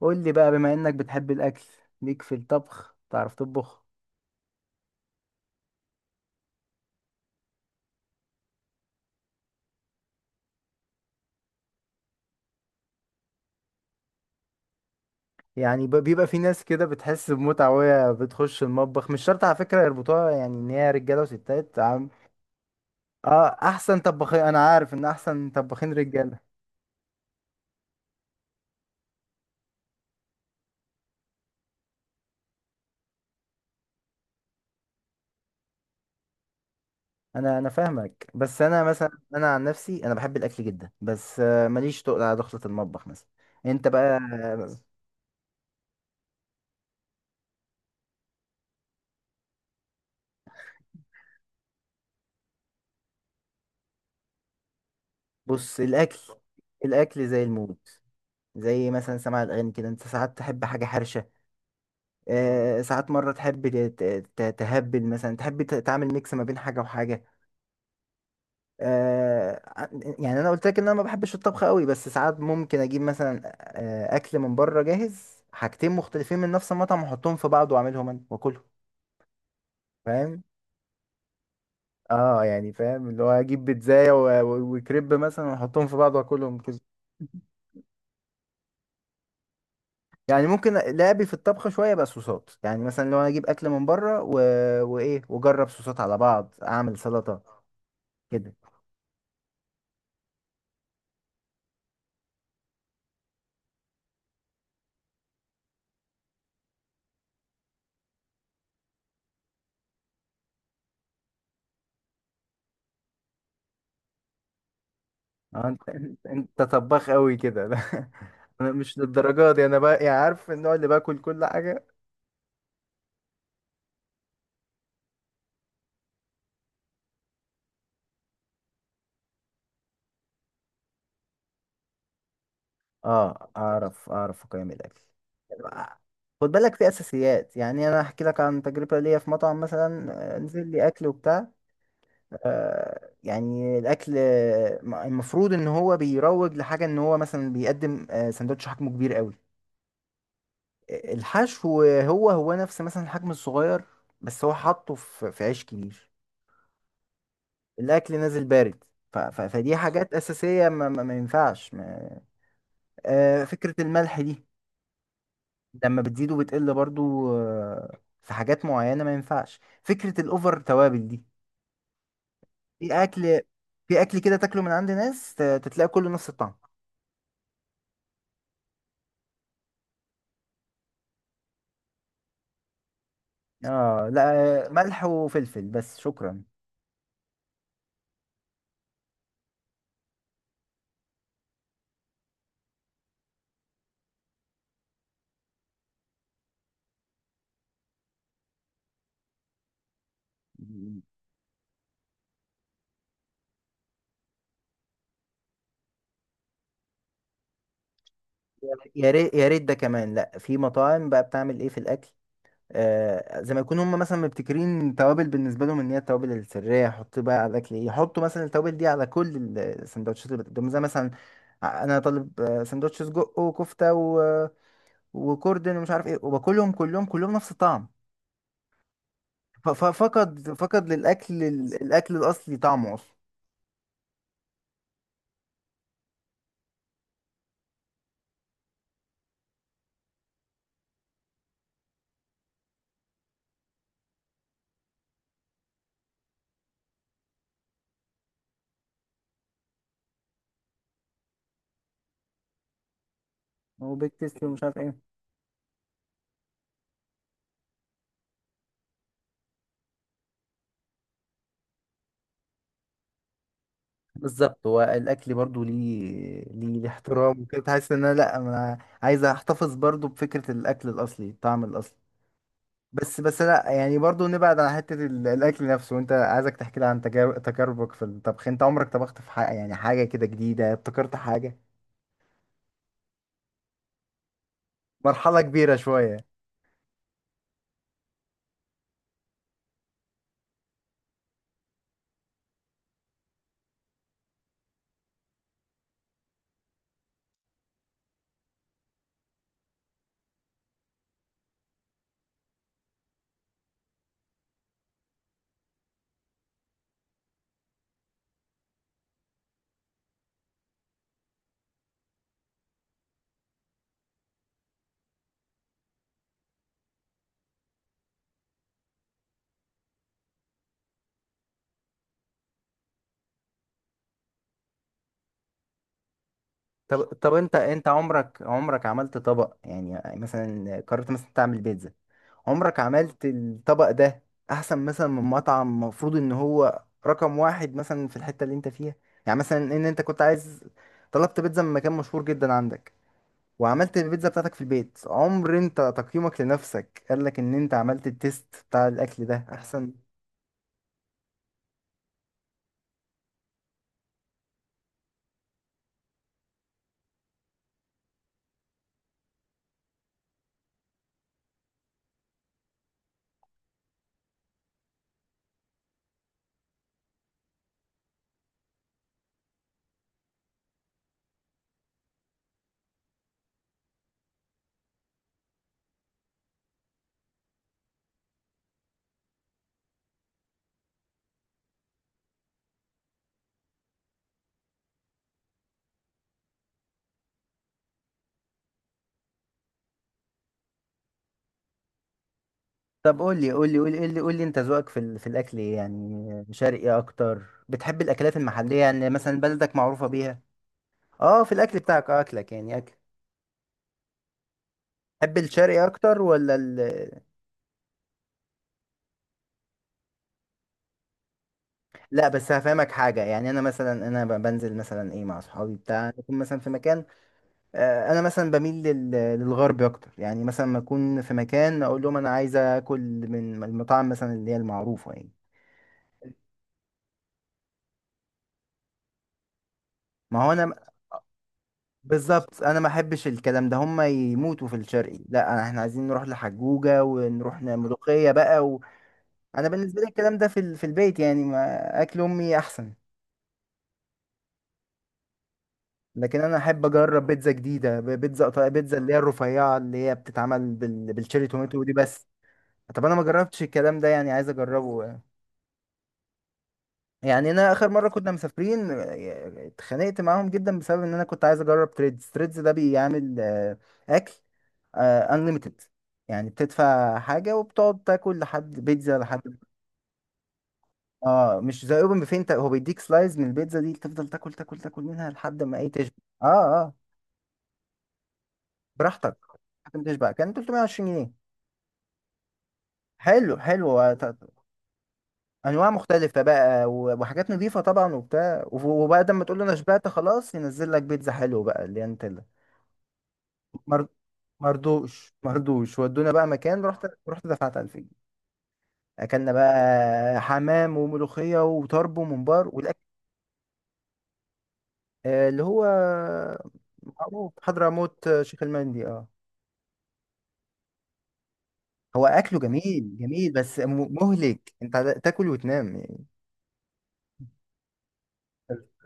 قول لي بقى، بما انك بتحب الاكل، ليك في الطبخ؟ تعرف تطبخ؟ يعني بيبقى في ناس كده بتحس بمتعة وهي بتخش المطبخ، مش شرط على فكرة يربطوها يعني ان هي رجالة وستات، عم. اه، احسن طباخين، انا عارف ان احسن طباخين رجالة. انا فاهمك، بس انا مثلا انا عن نفسي انا بحب الاكل جدا، بس ماليش تقل على دخلة المطبخ مثلا. انت بقى بص، الاكل. الاكل زي الموت، زي مثلا سماع الاغاني كده، انت ساعات تحب حاجة حرشة. ساعات مرة تحب تهبل مثلا، تحب تعمل ميكس ما بين حاجة وحاجة. آه، ع- يعني أنا قلت لك إن أنا ما بحبش الطبخ قوي، بس ساعات ممكن أجيب مثلا أكل من بره جاهز، حاجتين مختلفين من نفس المطعم وأحطهم في بعض وأعملهم أنا وأكلهم. فاهم؟ اه، يعني فاهم، اللي هو اجيب بيتزاية وكريب مثلا واحطهم في بعض واكلهم كده. يعني ممكن لعبي في الطبخ شويه بقى، صوصات، يعني مثلا لو انا اجيب اكل من بره وايه، واجرب صوصات على بعض، اعمل سلطه كده. انت انت أنت طباخ قوي كده؟ لا، انا مش للدرجه دي، انا بقى يعني عارف النوع اللي باكل كل حاجه. اه، اعرف اقيم الاكل. خد بالك، في اساسيات، يعني انا احكي لك عن تجربه ليا في مطعم مثلا، نزل لي اكل وبتاع. يعني الاكل، المفروض ان هو بيروج لحاجه، ان هو مثلا بيقدم سندوتش حجمه كبير قوي. الحشو هو هو نفس مثلا الحجم الصغير، بس هو حاطه في في عيش كبير. الاكل نازل بارد. فدي حاجات اساسيه ما ينفعش ما... فكره الملح دي لما بتزيد وبتقل برضو، في حاجات معينه ما ينفعش، فكره الاوفر توابل دي. في اكل في اكل كده تاكله من عند ناس، تتلاقي كله نفس الطعم. اه، لا، ملح وفلفل بس، شكرا. يا ريت، يا ريت ده كمان. لا، في مطاعم بقى بتعمل ايه في الاكل، زي ما يكونوا هم مثلا مبتكرين توابل بالنسبه لهم، ان هي التوابل السريه يحطوا بقى على الاكل، إيه، يحطوا مثلا التوابل دي على كل السندوتشات اللي قدامهم، زي مثلا انا طالب سندوتش سجق وكفته وكوردن ومش عارف ايه، وباكلهم كلهم كلهم نفس الطعم. فقد للاكل الاكل الاصلي طعمه اصلا، وبيك تيستي ومش عارف ايه. بالظبط، هو الاكل برضو ليه احترام وكده، تحس ان انا، لا، انا عايز احتفظ برضو بفكره الاكل الاصلي، الطعم الاصلي. بس بس لا، يعني برضو نبعد عن حتة الأكل نفسه. أنت عايزك تحكي لي عن تجاربك في الطبخ، أنت عمرك طبخت في حاجة، يعني حاجة كده جديدة ابتكرت حاجة؟ مرحلة كبيرة شوية. طب طب، أنت عمرك عملت طبق، يعني مثلا قررت مثلا تعمل بيتزا. عمرك عملت الطبق ده أحسن مثلا من مطعم المفروض إن هو رقم واحد مثلا في الحتة اللي أنت فيها؟ يعني مثلا، إن أنت كنت عايز، طلبت بيتزا من مكان مشهور جدا عندك، وعملت البيتزا بتاعتك في البيت، عمر انت تقييمك لنفسك قال لك ان انت عملت التيست بتاع الاكل ده احسن؟ طب قول لي، قول لي، قول لي، قول لي، قول لي، انت ذوقك في في الاكل إيه؟ يعني شرقي اكتر، بتحب الاكلات المحليه، يعني مثلا بلدك معروفه بيها؟ اه، في الاكل بتاعك، اكلك يعني اكل، تحب الشرقي اكتر ولا لا، بس هفهمك حاجه، يعني انا مثلا، انا بنزل مثلا ايه مع اصحابي بتاع، نكون مثلا في مكان. انا مثلا بميل للغرب اكتر، يعني مثلا ما اكون في مكان اقول لهم انا عايز اكل من المطاعم مثلا اللي هي المعروفه يعني. ما هو انا بالظبط، انا ما احبش الكلام ده، هم يموتوا في الشرقي، لا احنا عايزين نروح لحجوجه ونروح ملوخيه بقى انا بالنسبه لي الكلام ده في في البيت، يعني ما اكل امي احسن. لكن انا احب اجرب بيتزا جديده، بيتزا بيتزا اللي هي الرفيعه اللي هي بتتعمل بالشيري توماتو دي بس. طب انا ما جربتش الكلام ده يعني، عايز اجربه. يعني انا اخر مره كنا مسافرين، اتخانقت معاهم جدا، بسبب ان انا كنت عايز اجرب تريدز. تريدز ده بيعمل اكل انليميتد، يعني بتدفع حاجه وبتقعد تاكل لحد بيتزا لحد. اه، مش زي اوبن بوفيه، انت هو بيديك سلايز من البيتزا دي، تفضل تاكل تاكل تاكل منها لحد ما ايه تشبع. اه، اه، براحتك لحد ما تشبع. كان 320 جنيه. حلو، حلو، انواع مختلفه بقى وحاجات نظيفه طبعا وبتاع، وبعد ما تقول له انا شبعت خلاص، ينزل لك بيتزا حلو بقى اللي انت. مر... مردوش ودونا بقى مكان، رحت دفعت 1000 جنيه. اكلنا بقى حمام وملوخيه وطرب وممبار والاكل اللي هو معروف، حضرموت، شيخ المندي. اه. هو اكله جميل جميل، بس مهلك انت تاكل وتنام يعني.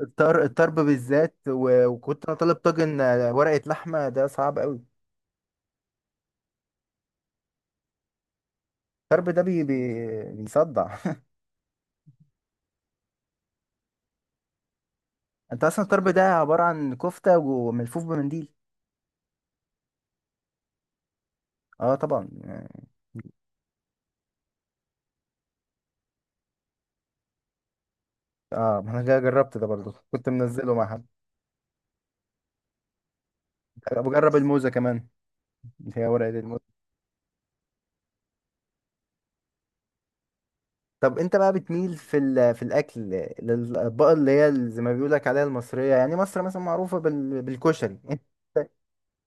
الطرب بالذات، وكنت انا طالب طاجن ورقه لحمه، ده صعب قوي. الطرب ده بيصدع. انت اصلا الطرب ده عباره عن كفته وملفوف بمنديل. اه، طبعا. اه، ما انا جربت ده برضو، كنت منزله مع حد. بجرب الموزه كمان اللي هي ورقه الموزه. طب انت بقى بتميل في في الاكل للاطباق اللي هي زي ما بيقول لك عليها المصريه، يعني مصر مثلا معروفه بالكشري.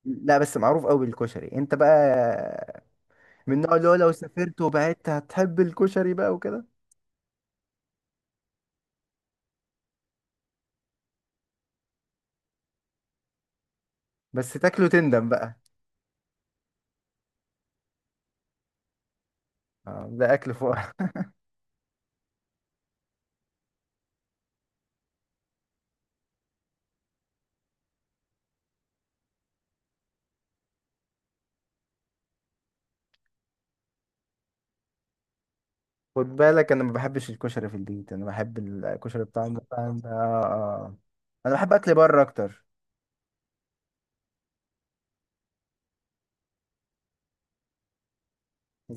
لا بس معروف قوي بالكشري. انت بقى من النوع اللي هو لو سافرت وبعدت هتحب الكشري بقى وكده؟ بس تاكله تندم بقى. ده اكل فوق. خد بالك انا ما بحبش الكشري في البيت، انا بحب الكشري بتاع المطاعم ده. آه. آه. انا بحب اكل بره اكتر.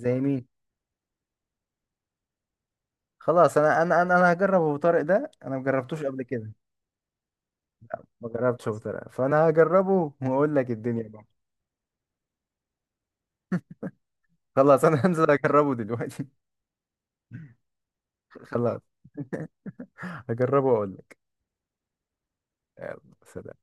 زي مين؟ خلاص، انا هجرب ابو طارق ده، انا مجربتوش قبل كده. ما جربتش ابو طارق، فانا هجربه واقول لك الدنيا بقى. خلاص، انا هنزل اجربه دلوقتي. خلاص، هجربه واقول لك. يلا، سلام.